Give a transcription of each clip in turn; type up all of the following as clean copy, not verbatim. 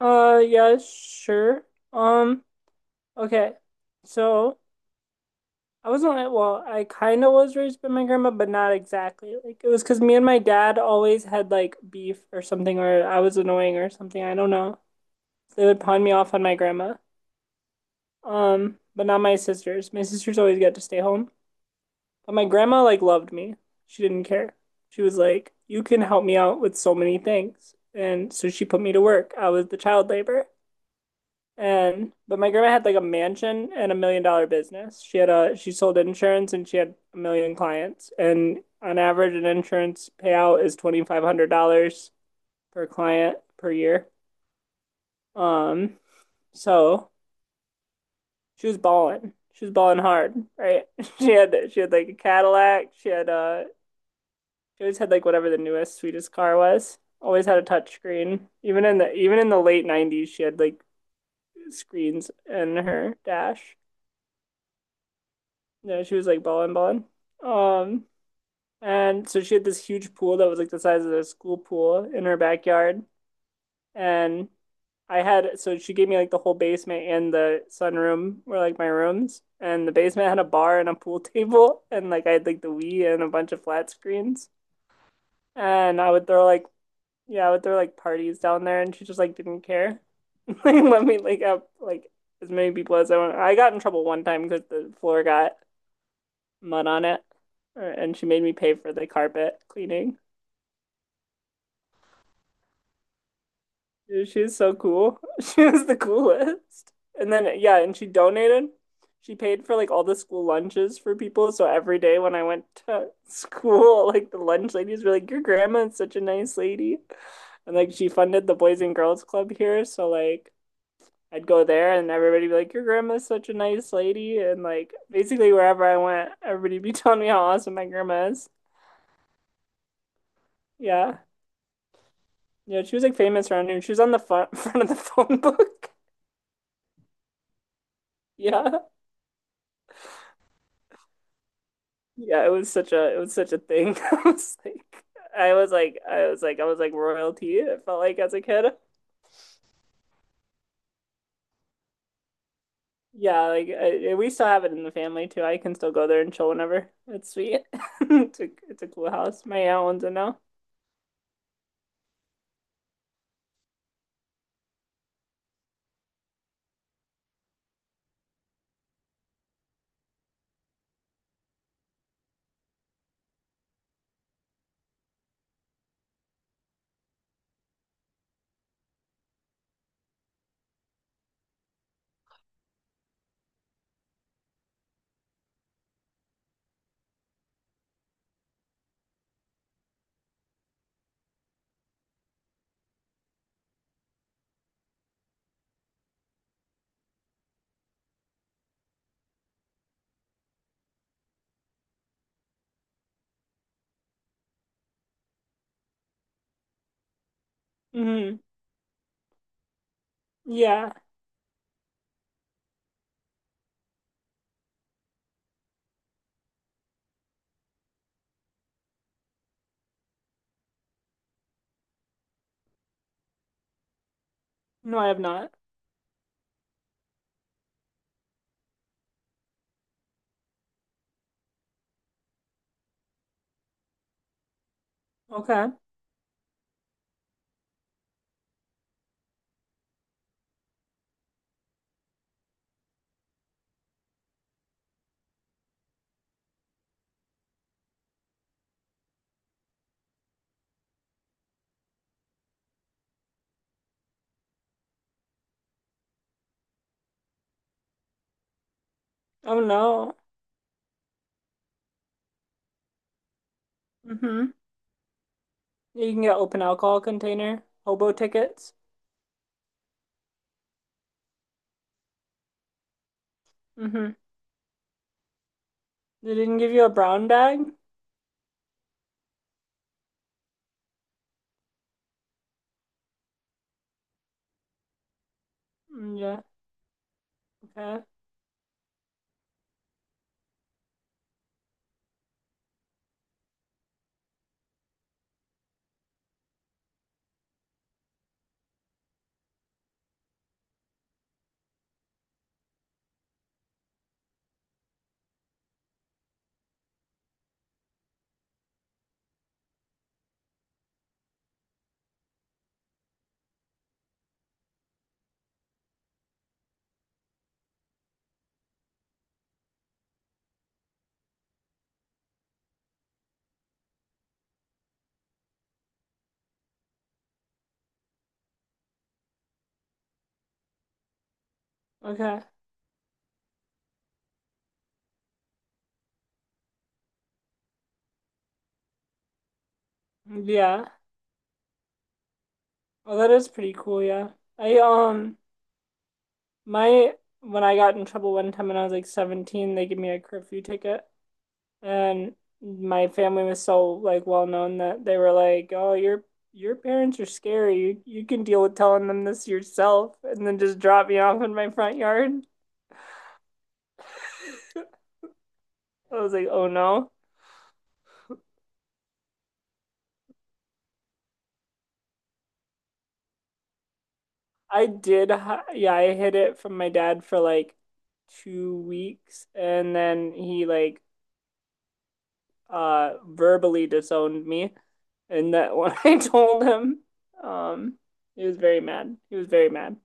Yeah, sure. Um, okay. So I wasn't like, well, I kind of was raised by my grandma, but not exactly. Like it was because me and my dad always had like beef or something, or I was annoying or something. I don't know. They would pawn me off on my grandma. But not my sisters. My sisters always got to stay home. But my grandma like loved me. She didn't care. She was like, "You can help me out with so many things," and so she put me to work. I was the child labor. And but my grandma had like a mansion and a million dollar business. She had a She sold insurance and she had a million clients. And on average, an insurance payout is $2,500 per client per year. Um, so she was balling. She was balling hard, right? She had like a Cadillac. She had she always had like whatever the newest, sweetest car was. Always had a touch screen. Even in the late 90s, she had like screens in her dash. No, she was like balling, balling. Um, and so she had this huge pool that was like the size of a school pool in her backyard. And so she gave me like the whole basement and the sunroom were like my rooms. And the basement had a bar and a pool table. And like I had like the Wii and a bunch of flat screens. And I would throw like, yeah, I would throw like parties down there. And she just like didn't care. Like let me like up like as many people as I want. I got in trouble one time because the floor got mud on it, and she made me pay for the carpet cleaning. She's so cool. She was the coolest. And then, yeah, and she donated. She paid for like all the school lunches for people. So every day when I went to school, like the lunch ladies were like, "Your grandma is such a nice lady." And like she funded the Boys and Girls Club here. So like I'd go there and everybody would be like, "Your grandma is such a nice lady." And like basically wherever I went, everybody'd be telling me how awesome my grandma is. Yeah. Yeah, she was like famous around here. She was on the front front of the phone book. Yeah. Yeah, it was such a thing. I was like I was like royalty. It felt like as a kid. Yeah, like we still have it in the family too. I can still go there and chill whenever. It's sweet. It's a cool house. My aunt owns it now. Hmm. Yeah. No, I have not. Okay. Oh no. Hmm. You can get open alcohol container, hobo tickets. Hmm. They didn't give you a brown bag? Mm, yeah. Okay. Okay. Yeah. Well, that is pretty cool, yeah. I my When I got in trouble one time when I was like 17, they gave me a curfew ticket and my family was so like well known that they were like, "Oh, your parents are scary. You can deal with telling them this yourself." And then just drop me off in my front yard. I was like, "Oh no." I did hi- yeah, I hid it from my dad for like 2 weeks, and then he like verbally disowned me, and that when I told him. um he was very mad. He was very mad.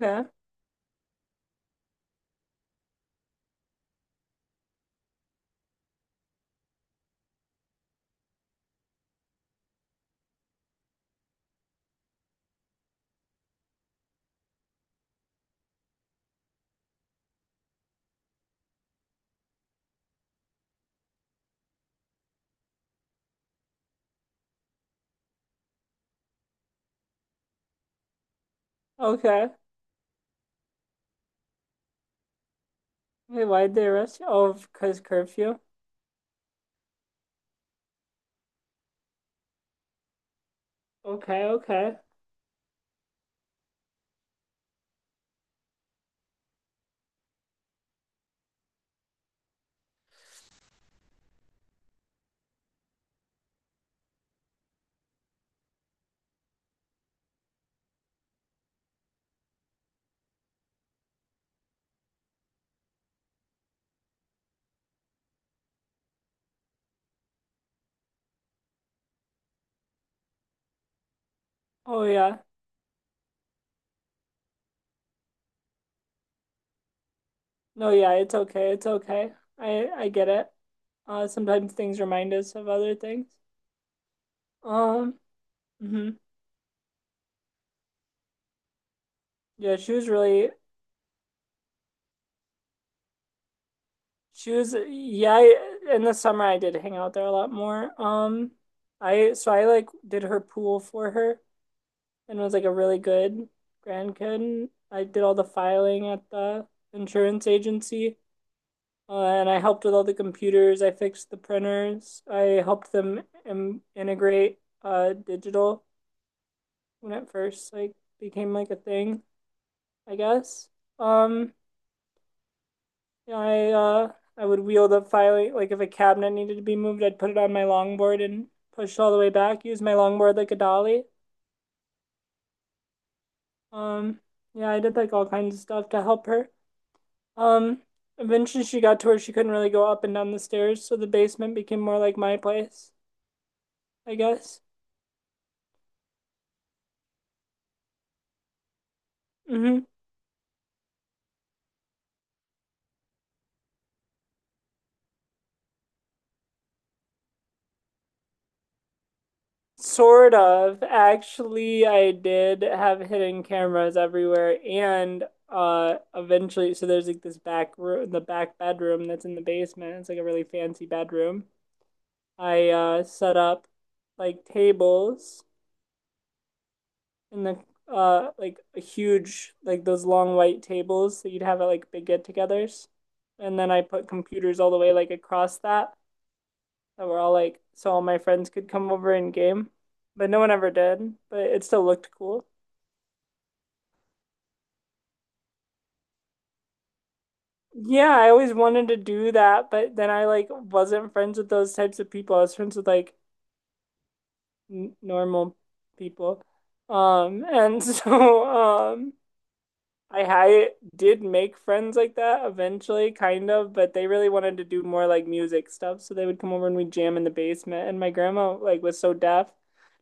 Yeah. Okay. Wait, why'd they arrest you? Oh, because curfew. Okay, okay. Oh yeah. No, yeah, it's okay. It's okay. I get it. Uh, sometimes things remind us of other things. Um, mhm. Yeah, she was really she was yeah, I- in the summer I did hang out there a lot more. I so I like did her pool for her and was like a really good grandkid. I did all the filing at the insurance agency, and I helped with all the computers. I fixed the printers. I helped them integrate digital when it first like became like a thing, I guess. Um, yeah, I would wheel the filing like if a cabinet needed to be moved, I'd put it on my longboard and push all the way back. Use my longboard like a dolly. Um, yeah, I did like all kinds of stuff to help her. Um, Eventually she got to where she couldn't really go up and down the stairs, so the basement became more like my place, I guess. Hmm. Sort of. Actually, I did have hidden cameras everywhere, and eventually so there's like this back bedroom that's in the basement. It's like a really fancy bedroom. I set up like tables and the like a huge like those long white tables that you'd have at like big get-togethers. And then I put computers all the way like across that were all like so all my friends could come over and game. But no one ever did, but it still looked cool. Yeah, I always wanted to do that, but then I like wasn't friends with those types of people. I was friends with like n normal people. And so I did make friends like that eventually, kind of, but they really wanted to do more like music stuff. So they would come over and we'd jam in the basement. And my grandma like was so deaf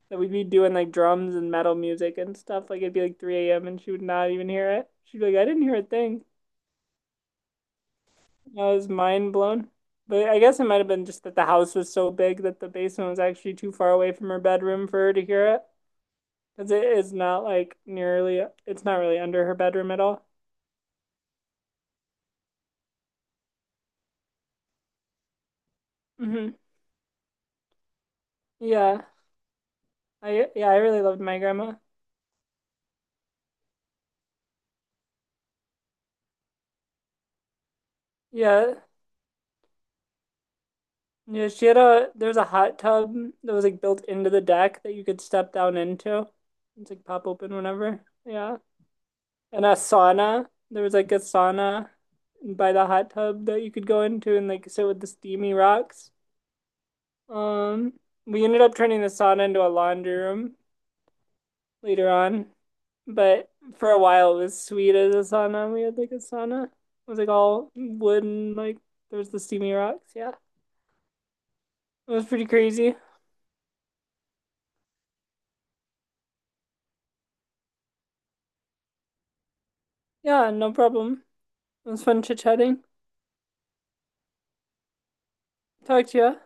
that we'd be doing like drums and metal music and stuff. Like it'd be like 3 a.m. and she would not even hear it. She'd be like, "I didn't hear a thing." And I was mind blown. But I guess it might have been just that the house was so big that the basement was actually too far away from her bedroom for her to hear it. Because it is not like nearly, it's not really under her bedroom at all. Hmm. Yeah. I Yeah, I really loved my grandma. Yeah. Yeah, she had a there was a hot tub that was like built into the deck that you could step down into. It's like pop open whenever. Yeah. And a sauna. There was like a sauna by the hot tub that you could go into and like sit with the steamy rocks. Um, we ended up turning the sauna into a laundry room later on, but for a while it was sweet as a sauna. We had like a sauna. It was like all wood and like there was the steamy rocks, yeah. It was pretty crazy. Yeah, no problem. It was fun chit chatting. Talk to you.